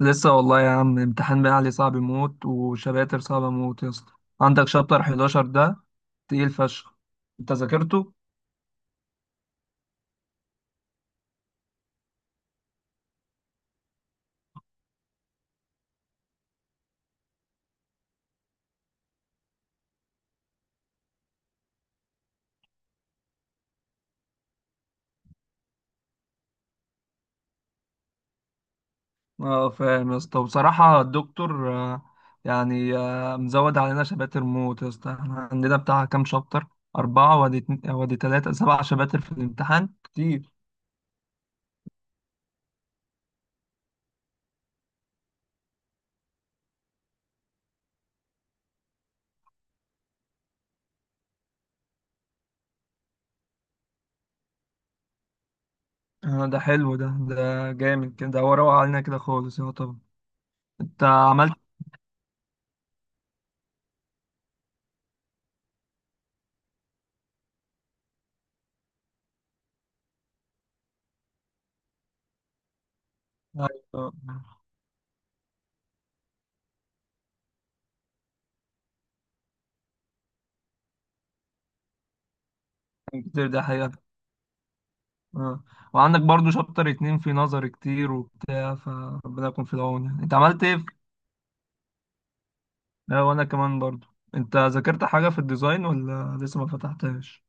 لسه والله يا عم، امتحان بقى صعب موت وشباتر صعبة موت يا اسطى. عندك شابتر 11 ده تقيل فشخ. انت ذاكرته؟ اه فاهم يا اسطى. وبصراحة الدكتور يعني مزود علينا شباتر موت يا اسطى. احنا عندنا بتاع كام شابتر؟ أربعة وادي وادي تلاتة، سبع شباتر في الامتحان كتير. آه، ده حلو ده ده جامد كده هو روق علينا كده خالص يا طبعا انت عملت آه، كتير ده حقيقة. اه، وعندك برضو شابتر اتنين في نظر كتير وبتاع، فربنا يكون في العون. يعني انت عملت ايه في-... اه، وانا كمان برضو. انت ذاكرت حاجة في الديزاين ولا لسه ما فتحتهاش؟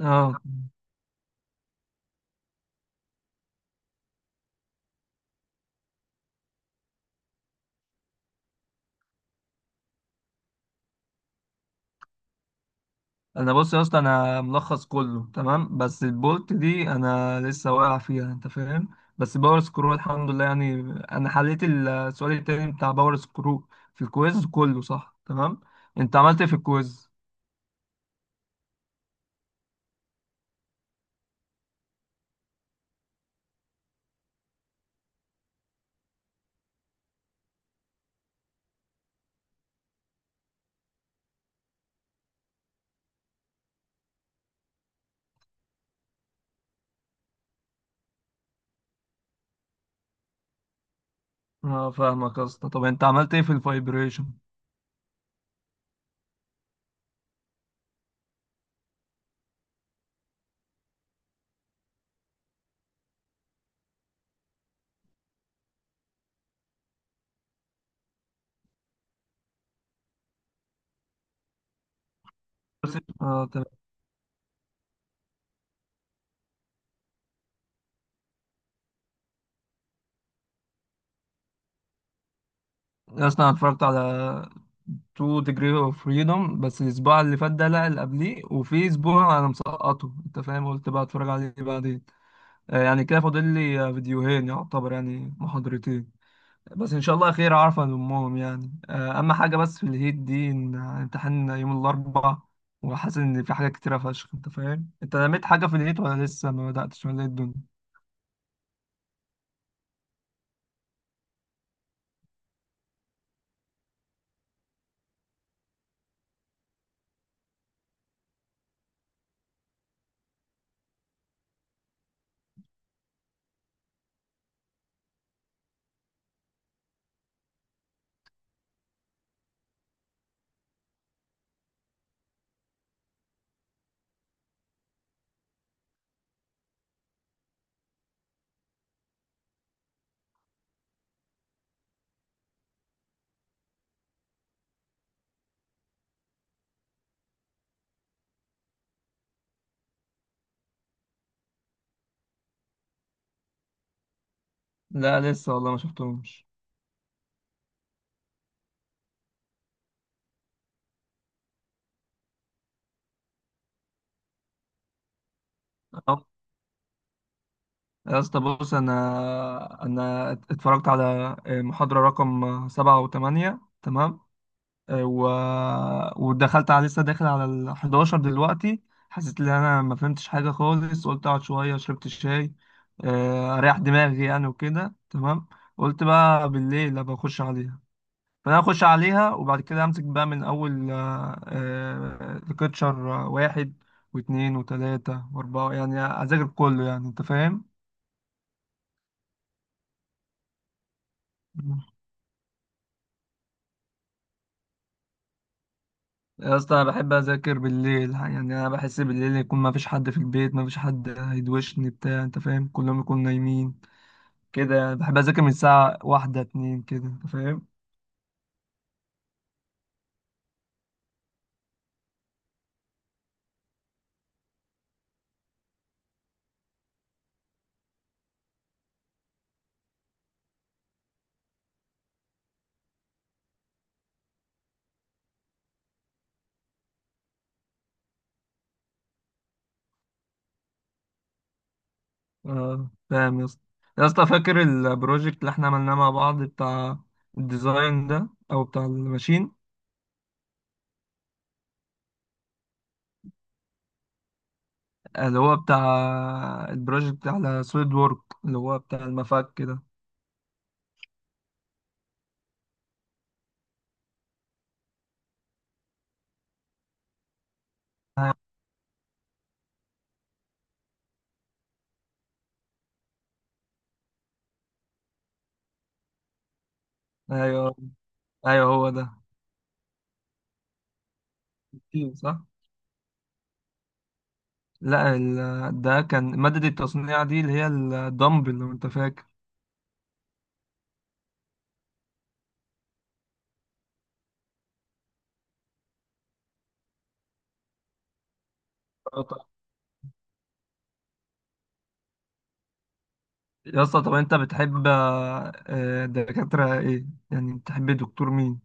اه، انا بص يا اسطى، انا ملخص كله تمام، بس البولت دي انا لسه واقع فيها انت فاهم. بس باور سكرو الحمد لله يعني. انا حليت السؤال التاني بتاع باور سكرو في الكويز كله صح تمام. انت عملت ايه في الكويز؟ اه فاهمك يا اسطى. طب انت عملت ايه في الفايبريشن؟ اه تمام. يا اسطى انا اتفرجت على 2 degree of freedom، بس الاسبوع اللي فات ده لا اللي قبليه، وفي اسبوع انا مسقطه انت فاهم، قلت بقى اتفرج عليه بعدين. يعني كده فاضل لي فيديوهين يعتبر، يعني محاضرتين. بس ان شاء الله خير، عارفه لامهم يعني. اما حاجه، بس في الهيت دي ان امتحان يوم الاربعاء، وحاسس ان في حاجات كتيره فشخ انت فاهم. انت لميت حاجه في الهيت ولا لسه ما بداتش ولا ايه الدنيا؟ لا لسه والله ما شفتهمش. يا اسطى بص، انا اتفرجت على محاضرة رقم سبعة وثمانية تمام. آه، و... ودخلت على، لسه داخل على ال 11 دلوقتي. حسيت ان انا ما فهمتش حاجة خالص، قلت اقعد شوية، شربت الشاي اريح دماغي يعني وكده تمام. قلت بقى بالليل ابقى اخش عليها. فانا اخش عليها، وبعد كده امسك بقى من اول ليكتشر واحد واثنين وثلاثة واربعة، يعني اذاكر كله يعني انت فاهم. يا اسطى انا بحب اذاكر بالليل، يعني انا بحس بالليل يكون ما فيش حد في البيت، ما فيش حد هيدوشني بتاع انت فاهم، كلهم يكونوا نايمين كده يعني. بحب اذاكر من الساعه واحدة اتنين كده انت فاهم. اه فاهم يا اسطى. يا اسطى، فاكر البروجكت اللي احنا عملناه مع بعض، بتاع الديزاين ده او بتاع الماشين؟ اللي هو بتاع البروجكت على سوليد وورك، اللي هو بتاع المفك كده. ايوه، ايوه هو ده. أيوه صح. لا ال... ده كان مادة التصنيع دي، اللي هي الدمبل لو انت فاكر. آه طبعا. يا اسطى، طب انت بتحب دكاترة ايه يعني، بتحب دكتور مين؟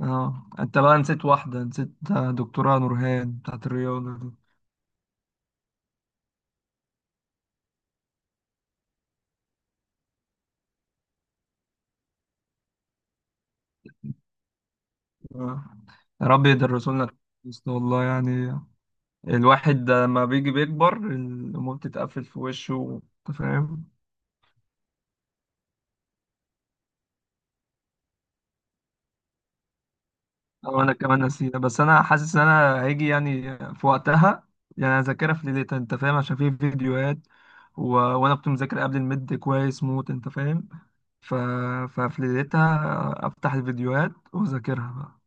اه، انت بقى نسيت واحدة، نسيت دكتورة نورهان بتاعت الرياضة دي. آه. يا رب يدرسوا لنا كويس والله يعني. الواحد لما بيجي بيكبر الأمور بتتقفل في وشه انت فاهم. أو أنا كمان نسيت، بس أنا حاسس إن أنا هيجي يعني في وقتها، يعني أذاكرها في ليلتها أنت فاهم، عشان في فيديوهات وأنا كنت مذاكر قبل الميد كويس موت أنت فاهم. ف... ففي ليلتها أفتح الفيديوهات وأذاكرها بقى.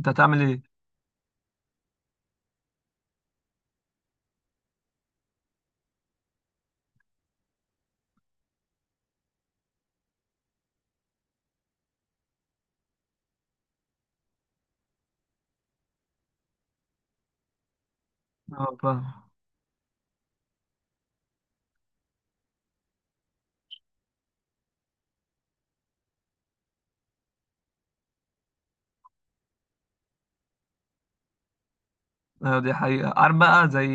أنت هتعمل إيه؟ أه فاهم. أيوة دي حقيقة. عارف بقى، زي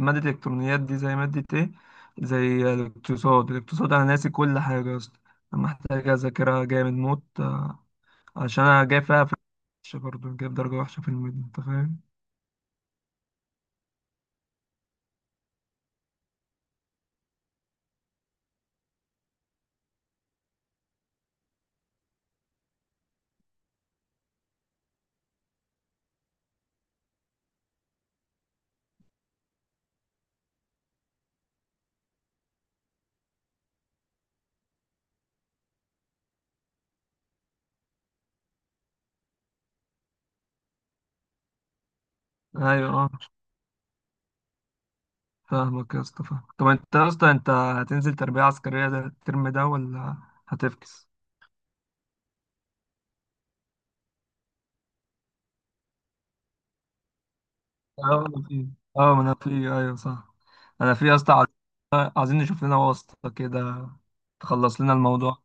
مادة الإلكترونيات دي زي مادة إيه؟ زي الاقتصاد. الاقتصاد أنا ناسي كل حاجة يا اسطى. أنا محتاج أذاكرها جامد موت، عشان أنا جاي فيها في وحشة برضه، جايب درجة وحشة في الميد أنت فاهم؟ ايوه، اه فاهمك يا اسطى فاهم. طب انت يا اسطى انت هتنزل تربية عسكرية ده الترم ده ولا هتفكس؟ اه انا في. اه ما انا في. ايوه صح، انا في يا اسطى، عايزين نشوف لنا واسطة كده تخلص لنا الموضوع.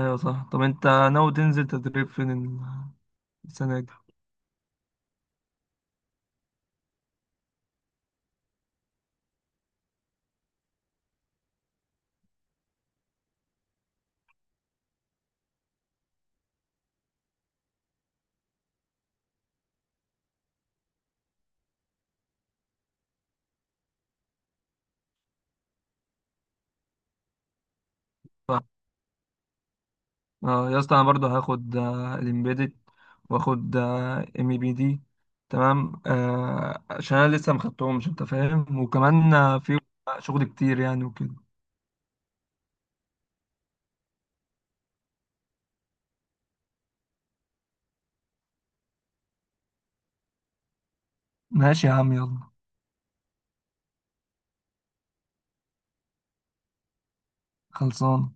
ايوه صح. طب انت ناوي تنزل تدريب فين السنة دي؟ صح. اه يا اسطى، انا برضو هاخد الامبيدد، واخد ام بي دي تمام. آه عشان انا لسه ما خدتهمش انت فاهم، وكمان في شغل كتير يعني وكده. ماشي يا عم، يلا. خلصان